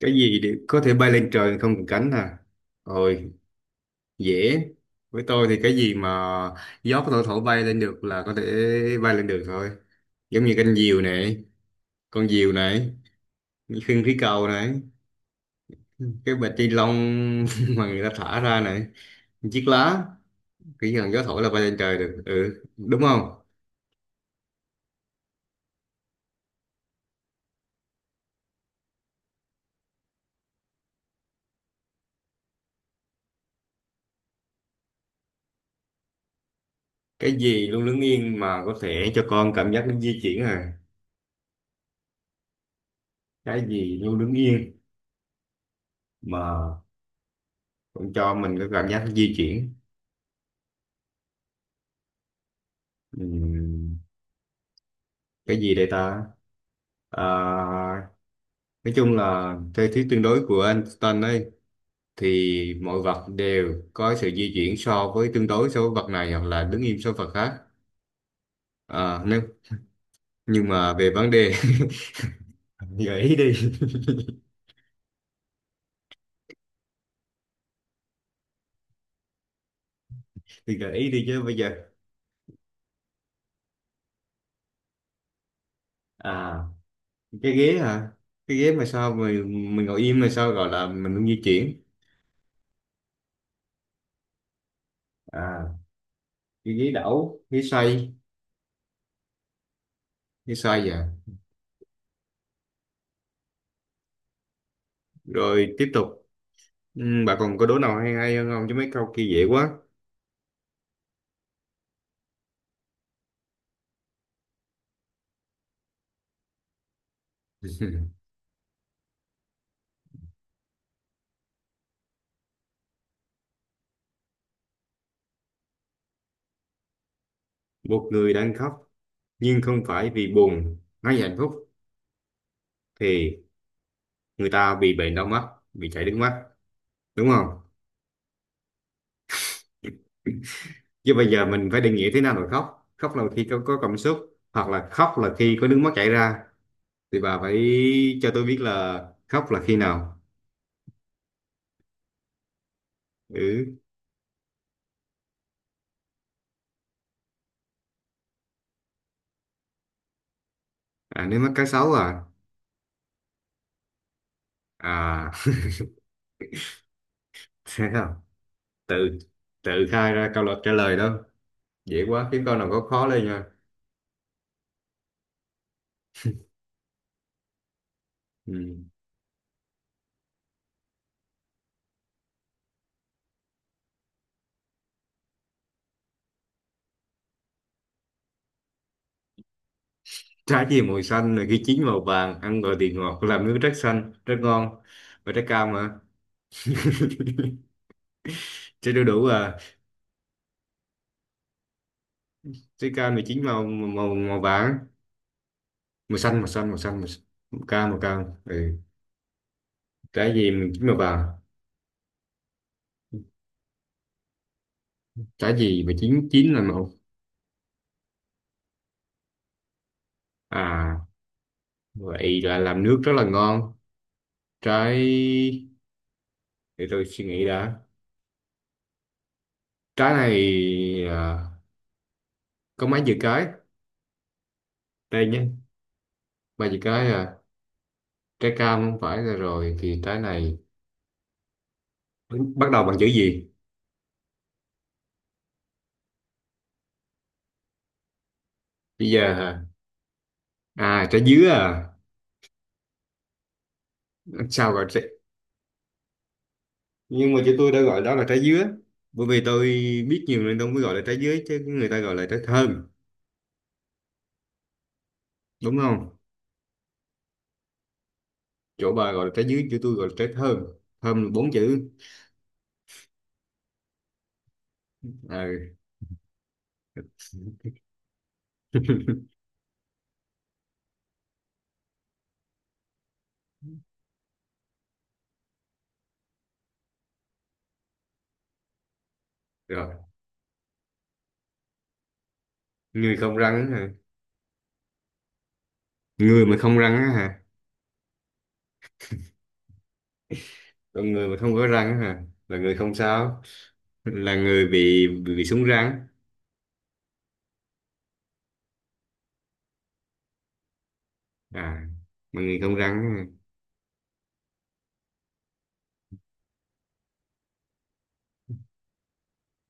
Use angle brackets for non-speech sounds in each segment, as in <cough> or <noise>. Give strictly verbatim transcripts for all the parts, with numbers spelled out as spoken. Cái gì đều có thể bay lên trời không cần cánh à? Rồi, dễ. Với tôi thì cái gì mà gió có thể thổi bay lên được là có thể bay lên được thôi. Giống như canh diều này, con diều này, khinh khí cầu này, cái bịch ni lông <laughs> mà người ta thả ra này, chiếc lá, chỉ cần gió thổi là bay lên trời được, ừ đúng không? Cái gì luôn đứng yên mà có thể cho con cảm giác nó di chuyển à? Cái gì luôn đứng yên mà cũng cho mình cái cảm giác nó di chuyển? Ừ, cái gì đây ta? à, nói chung là theo thuyết tương đối của Einstein ấy thì mọi vật đều có sự di chuyển so với tương đối so với vật này hoặc là đứng im so với vật khác. À, nếu nhưng mà về vấn đề <laughs> gợi ý đi. <laughs> Thì gợi ý đi chứ bây giờ. À, cái ghế hả? Cái ghế mà sao mình mình ngồi im mà sao gọi là mình không di chuyển? À, cái ghế đẩu, ghế xoay. Ghế xoay vậy, rồi tiếp tục. Ừ, bà còn có đố nào hay hay hơn không chứ mấy câu kia dễ quá. <laughs> Một người đang khóc nhưng không phải vì buồn hay hạnh phúc thì người ta bị bệnh đau mắt, bị chảy nước mắt, đúng không? Chứ bây giờ mình phải định nghĩa thế nào là khóc. Khóc là khi có, có cảm xúc hoặc là khóc là khi có nước mắt chảy ra, thì bà phải cho tôi biết là khóc là khi nào. Ừ. À, nước mắt cá sấu à? À, <laughs> thế không. Tự tự khai ra câu luật trả lời đó. Dễ quá, kiếm câu nào có khó lên nha. Ừ. Trái gì màu xanh là khi chín màu vàng, ăn gọi thì ngọt, làm nước rất xanh rất ngon, và trái cam mà. <laughs> Trái đu đủ à? Trái cam thì chín màu màu màu vàng màu xanh màu xanh màu xanh màu, xanh. Màu cam. Màu cam, ừ. Trái gì mà chín màu vàng? Trái gì mà chín chín là màu? À, vậy là làm nước rất là ngon. Trái, để tôi suy nghĩ đã. Trái này à, có mấy chữ cái đây nhé? Ba chữ cái à? Trái cam không phải là rồi thì trái này bắt đầu bằng chữ gì? Bây giờ hả? À, trái dứa à? Sao gọi trái... Nhưng mà chữ tôi đã gọi đó là trái dứa, bởi vì tôi biết nhiều nên tôi mới gọi là trái dứa chứ người ta gọi là trái thơm, đúng không? Chỗ bà gọi là trái dứa, chỗ tôi gọi là trái thơm. Thơm là bốn chữ. À, rồi, người không răng á hả? Người mà không răng á hả? Còn người mà không có răng á hả là người không sao, là người bị bị, bị súng răng. À, mà người không răng á hả?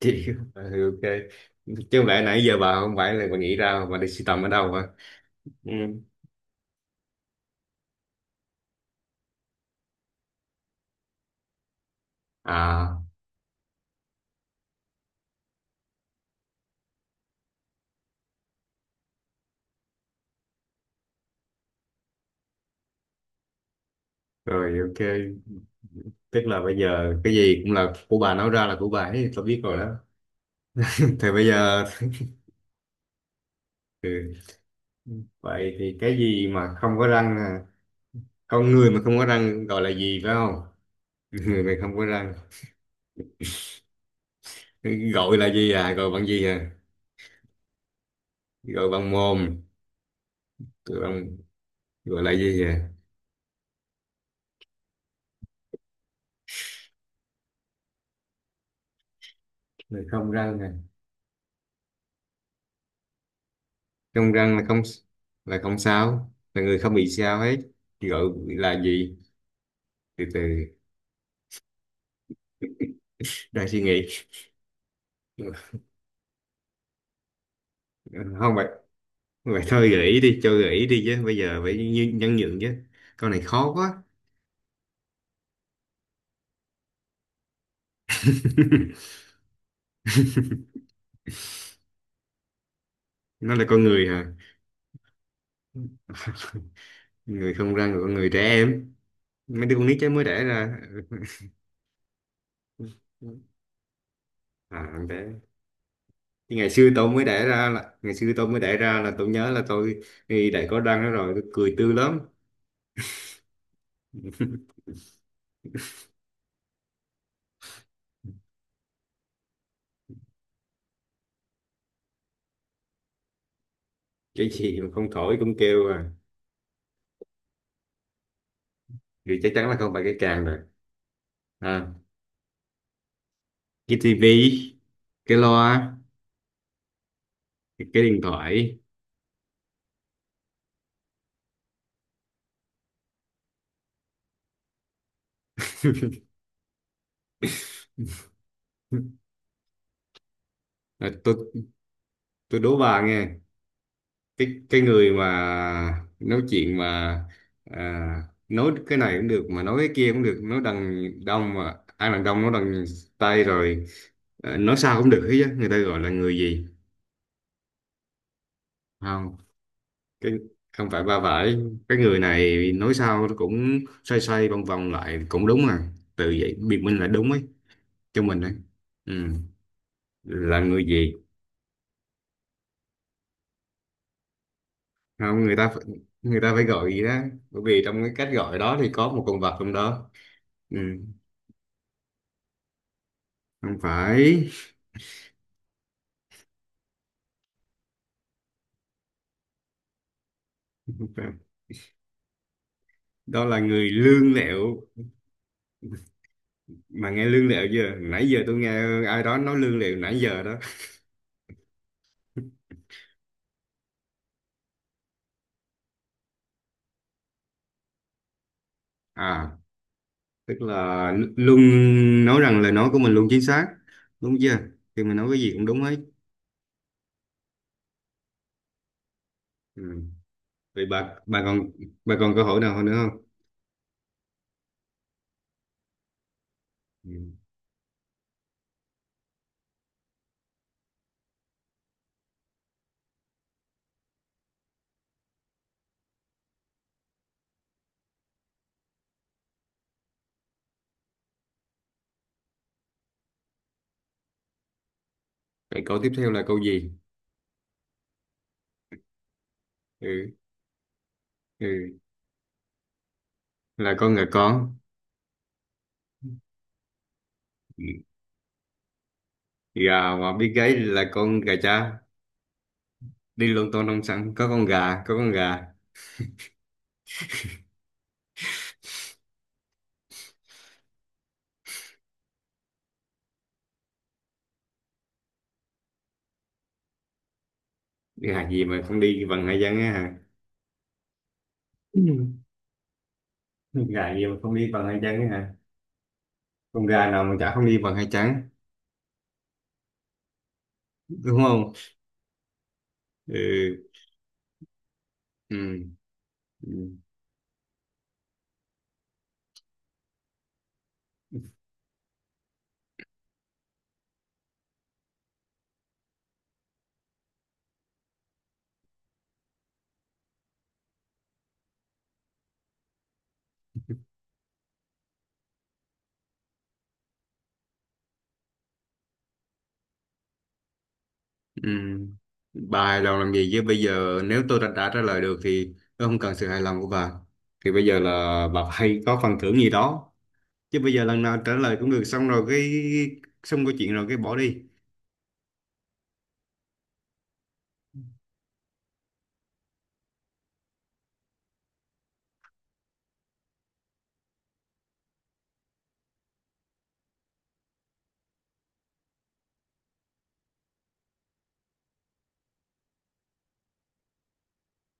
Chị <laughs> ừ, ok. Chứ không lẽ nãy giờ bà không phải là bà nghĩ ra, bà đi sưu tầm ở đâu hả? Ừ. À rồi, ok. Tức là bây giờ cái gì cũng là của bà, nói ra là của bà ấy, tôi biết rồi đó. <laughs> Thì bây giờ. Ừ, vậy thì cái gì mà không có răng à? Con người mà không có răng gọi là gì phải không? <laughs> Người mà không có răng gọi là gì à? Gọi bằng gì à? Gọi bằng mồm. Gọi bằng. Gọi là gì à? Người không răng à? Trong răng là không, là không sao, là người không bị sao hết. Gọi là gì? Từ từ, đang suy nghĩ. Không vậy, vậy thôi gợi ý đi, cho gợi ý đi chứ bây giờ phải nhi- nhẫn nhịn chứ, con này khó quá. <laughs> Nó là con người hả? Người không răng là con người trẻ em, mấy đứa con nít chứ mới đẻ ra. À con bé, thì ngày xưa tôi mới đẻ ra là ngày xưa tôi mới đẻ ra là tôi nhớ là tôi thì đã có răng đó rồi, tôi cười tươi lắm. Cái gì mà không thổi cũng kêu à? Thì chắc chắn là không phải cái càng. À, cái tivi, cái loa, cái cái điện thoại. À, tôi tôi đố bà nghe. Cái cái người mà nói chuyện mà, à, nói cái này cũng được mà nói cái kia cũng được, nói đằng đông mà ai đằng đông nói đằng tây rồi, à, nói sao cũng được hết á, người ta gọi là người gì? Không, cái không phải ba phải. Cái người này nói sao nó cũng xoay xoay vòng vòng lại cũng đúng à từ vậy biện minh là đúng ấy cho mình đấy, ừ. Là người gì? Không, người ta phải, người ta phải gọi gì đó, bởi vì trong cái cách gọi đó thì có một con vật trong đó. Ừ. Không phải. Không phải. Đó là người lương lẹo. Mà nghe lương lẹo chưa, nãy giờ tôi nghe ai đó nói lương lẹo nãy giờ đó. À, tức là luôn nói rằng lời nói của mình luôn chính xác, đúng chưa? Thì mình nói cái gì cũng đúng hết. Ừ. Vậy bà bà còn, bà còn câu hỏi nào nữa không? Ừ. Vậy câu tiếp theo là câu gì? Ừ. Ừ. Là con gà con. Ừ. Gà mà biết gáy là con gà cha, đi luôn tô nông sản có con gà, có con gà. Đi hạt gì mà không đi bằng hai chân á hả? Ừ. Con gà gì mà không đi bằng hai chân á hả? Con gà nào mà chả không đi bằng hai chân, đúng không? Ừ. Ừ. Ừ. Ừ. Bà hài lòng làm gì chứ, bây giờ nếu tôi đã, đã trả lời được thì tôi không cần sự hài lòng của bà. Thì bây giờ là bà hay có phần thưởng gì đó chứ, bây giờ lần nào trả lời cũng được xong rồi cái, xong câu chuyện rồi cái bỏ đi.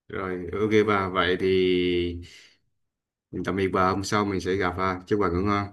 Rồi ok bà, vậy thì tạm biệt bà, hôm sau mình sẽ gặp ha, chúc bà ngủ ngon.